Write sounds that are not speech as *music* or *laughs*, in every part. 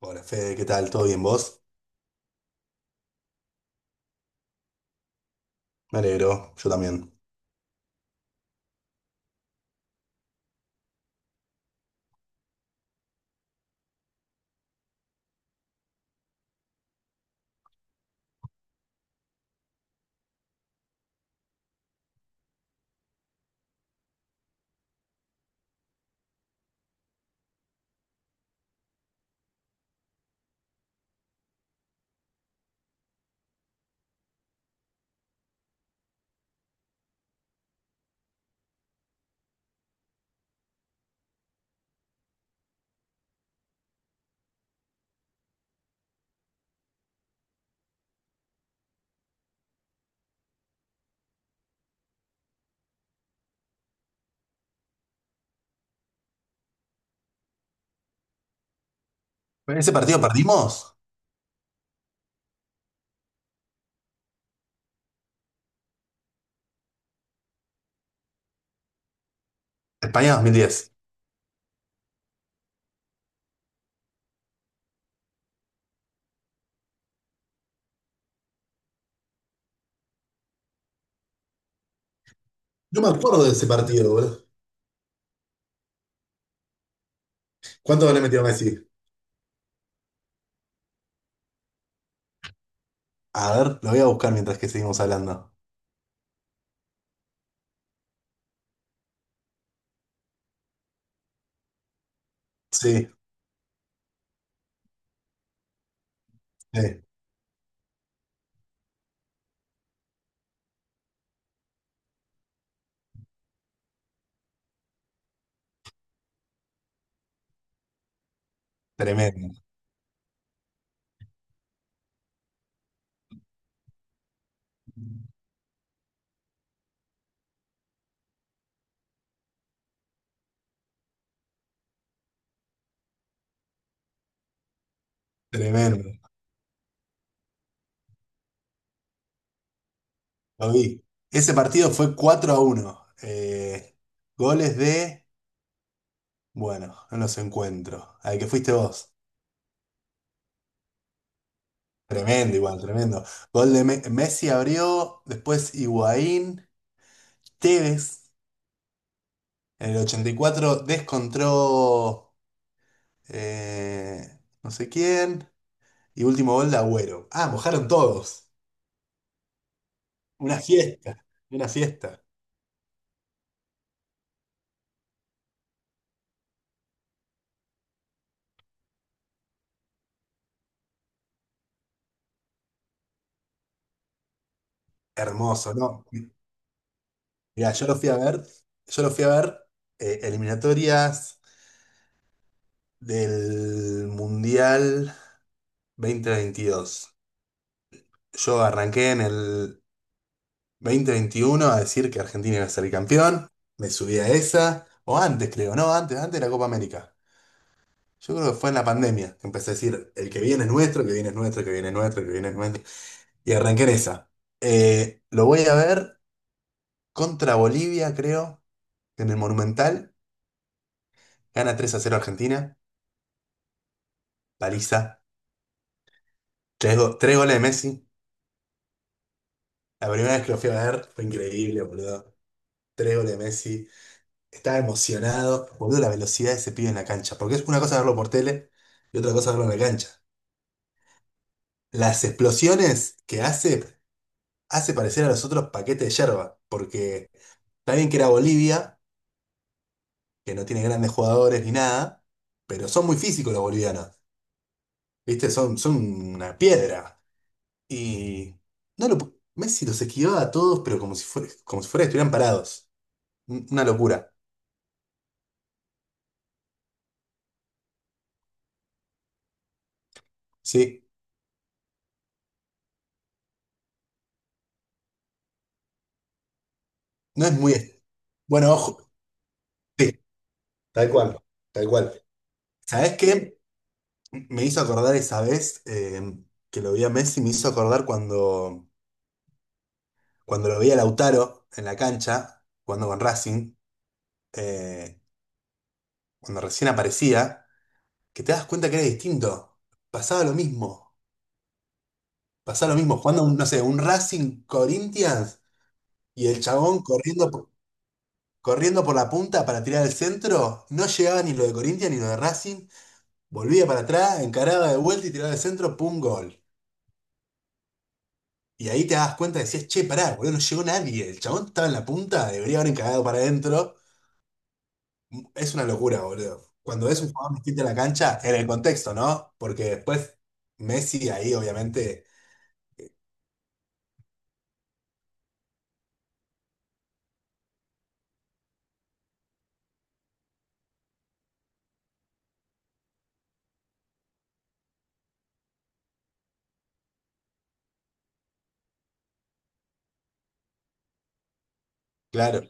Hola Fede, ¿qué tal? ¿Todo bien vos? Me alegro, yo también. ¿Ese partido perdimos? España 2010. No me acuerdo de ese partido, boludo. ¿Cuánto le metió Messi? A ver, lo voy a buscar mientras que seguimos hablando. Sí, sí, tremendo, tremendo. Lo vi. Ese partido fue 4-1. Goles de, bueno, no los encuentro. Al que fuiste vos. Tremendo igual, tremendo. Gol de Messi abrió, después Higuaín, Tevez. En el 84 descontró eh, no sé quién. Y último gol de Agüero. Ah, mojaron todos. Una fiesta. Una fiesta. Hermoso, ¿no? Mira, yo lo fui a ver. Yo lo fui a ver eliminatorias del Mundial 2022. Yo arranqué en el 2021 a decir que Argentina iba a ser el campeón. Me subí a esa. O antes, creo, ¿no? Antes, antes de la Copa América. Yo creo que fue en la pandemia que empecé a decir, el que viene es nuestro, el que viene es nuestro, el que viene es nuestro, el que viene es nuestro. Y arranqué en esa. Lo voy a ver contra Bolivia, creo, en el Monumental. Gana 3-0 Argentina, paliza. Tres goles de Messi. La primera vez que lo fui a ver fue increíble, boludo. Tres goles de Messi. Estaba emocionado. Boludo, la velocidad de ese pibe en la cancha. Porque es una cosa verlo por tele y otra cosa verlo en la cancha. Las explosiones que hace parecer a los otros paquetes de yerba. Porque. Está bien que era Bolivia, que no tiene grandes jugadores ni nada, pero son muy físicos los bolivianos. ¿Viste? Son, son una piedra. Y no lo, pu- Messi los esquivaba a todos, pero como si fuera que estuvieran parados. Una locura. Sí. No es muy. Bueno, ojo. Sí, tal cual. Tal cual. ¿Sabés qué? Me hizo acordar esa vez que lo vi a Messi, me hizo acordar cuando lo vi a Lautaro en la cancha, jugando con Racing, eh, cuando recién aparecía. Que te das cuenta que era distinto. Pasaba lo mismo. Pasaba lo mismo. Jugando, un, no sé, un Racing Corinthians y el chabón corriendo, corriendo por la punta para tirar al centro. No llegaba ni lo de Corinthians ni lo de Racing. Volvía para atrás, encaraba de vuelta y tiraba al centro, pum, gol. Y ahí te das cuenta, decías, che, pará, boludo, no llegó nadie. El chabón estaba en la punta, debería haber encarado para adentro. Es una locura, boludo. Cuando ves un jugador distinto en la cancha, en el contexto, ¿no? Porque después Messi ahí, obviamente, claro.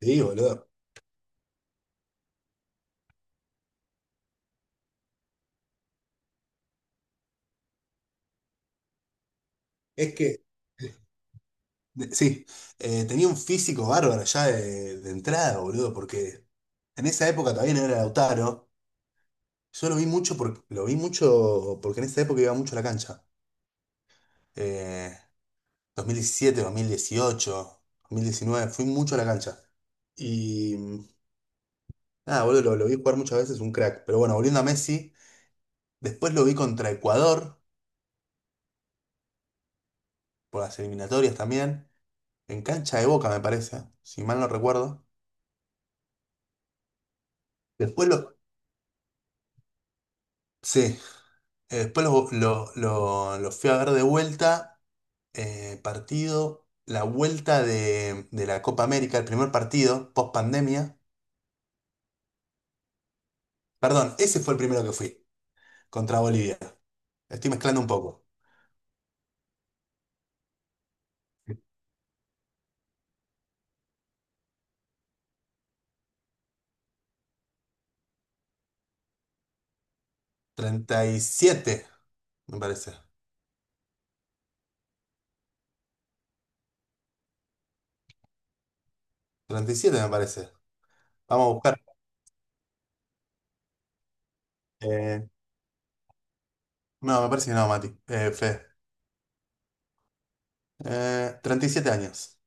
Sí, boludo. Es que, sí, tenía un físico bárbaro ya de entrada, boludo, porque en esa época todavía no era Lautaro. Yo lo vi mucho, lo vi mucho porque en esa época iba mucho a la cancha. Eh, 2017, 2018, 2019, fui mucho a la cancha. Y nada, boludo, lo vi jugar muchas veces, un crack. Pero bueno, volviendo a Messi, después lo vi contra Ecuador, por las eliminatorias también, en cancha de Boca, me parece, si mal no recuerdo. Después lo. Sí, después lo fui a ver de vuelta, partido, la vuelta de la Copa América, el primer partido, post pandemia. Perdón, ese fue el primero que fui, contra Bolivia. Estoy mezclando un poco. Treinta y siete me parece. Treinta y siete me parece. Vamos a buscar. Eh, no, me parece que no, Mati. Fede. Treinta y siete años.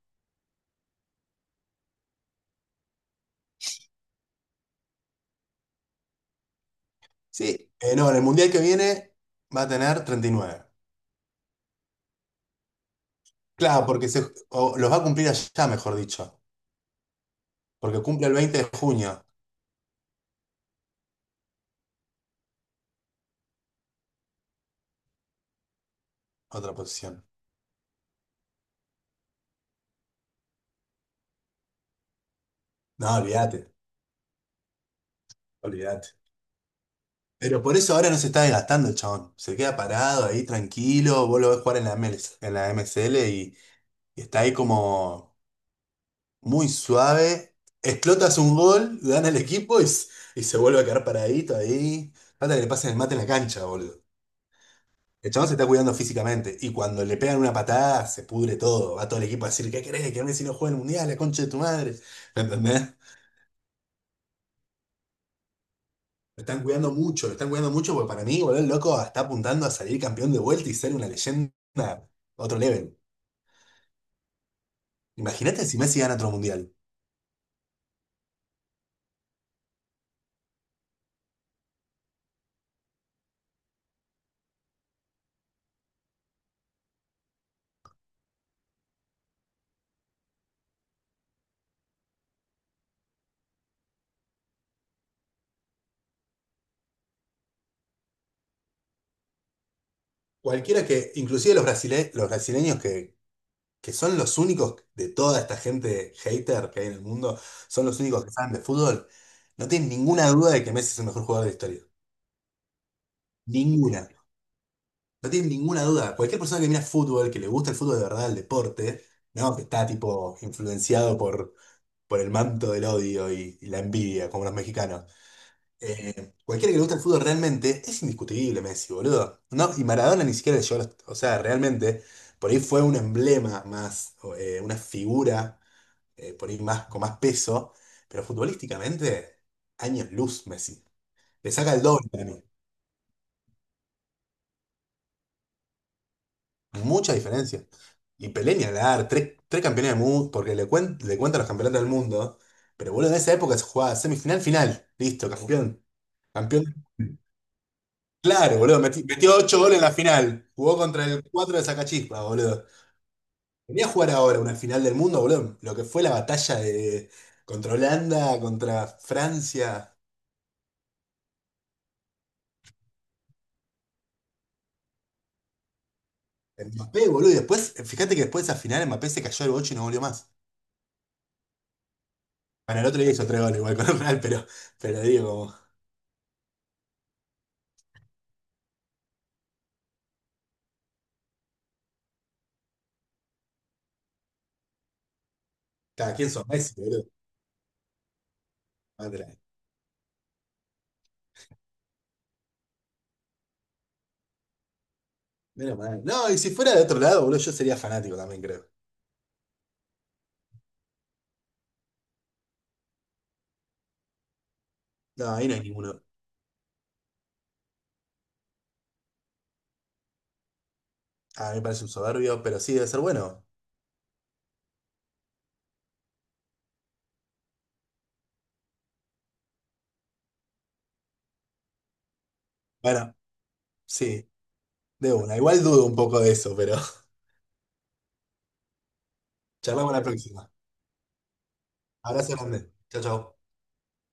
Sí, no, en el mundial que viene va a tener 39. Claro, porque o los va a cumplir allá, mejor dicho. Porque cumple el 20 de junio. Otra posición. No, olvídate, olvídate. Pero por eso ahora no se está desgastando el chabón. Se queda parado ahí tranquilo. Vos lo ves jugar en la ML, en la MSL, y está ahí como muy suave. Explotas un gol, gana el equipo y se vuelve a quedar paradito ahí. Falta que le pasen el mate en la cancha, boludo. El chabón se está cuidando físicamente. Y cuando le pegan una patada, se pudre todo. Va todo el equipo a decir, ¿qué querés? ¿Querés si no juega el mundial? La concha de tu madre. ¿Me entendés? Lo están cuidando mucho, lo están cuidando mucho porque para mí, boludo, el loco está apuntando a salir campeón de vuelta y ser una leyenda a otro level. Imagínate si Messi gana otro mundial. Cualquiera inclusive los brasileños que son los únicos de toda esta gente hater que hay en el mundo, son los únicos que saben de fútbol, no tienen ninguna duda de que Messi es el mejor jugador de la historia. Ninguna. No tienen ninguna duda. Cualquier persona que mira fútbol, que le gusta el fútbol de verdad, el deporte, no, que está tipo influenciado por el manto del odio y la envidia, como los mexicanos. Cualquiera que le guste el fútbol realmente es indiscutible, Messi, boludo. No, y Maradona ni siquiera yo, o sea, realmente, por ahí fue un emblema más, o una figura, por ahí más, con más peso, pero futbolísticamente, años luz, Messi. Le saca el doble para mí. Mucha diferencia. Y Pelé ni hablar, tres campeones del mundo, porque le cuentan los campeonatos del mundo, pero boludo, en esa época se jugaba semifinal, final, listo, campeón, campeón. Claro, boludo. Metió 8 goles en la final. Jugó contra el 4 de Sacachispa, boludo. Venía a jugar ahora una final del mundo, boludo. Lo que fue la batalla de contra Holanda, contra Francia. Mbappé, boludo. Y después, fíjate que después de esa final Mbappé se cayó el bocho y no volvió más. Bueno, el otro día hizo 3 goles igual con el Real, pero digo, como, cada quien son Messi, boludo. Mándala. Menos mal. No, y si fuera de otro lado, boludo, yo sería fanático también, creo. No, ahí no hay ninguno. A mí me parece un soberbio, pero sí debe ser bueno. Bueno, sí. De una, igual dudo un poco de eso, pero *laughs* charlamos la próxima. Abrazo grande. Chao, chao.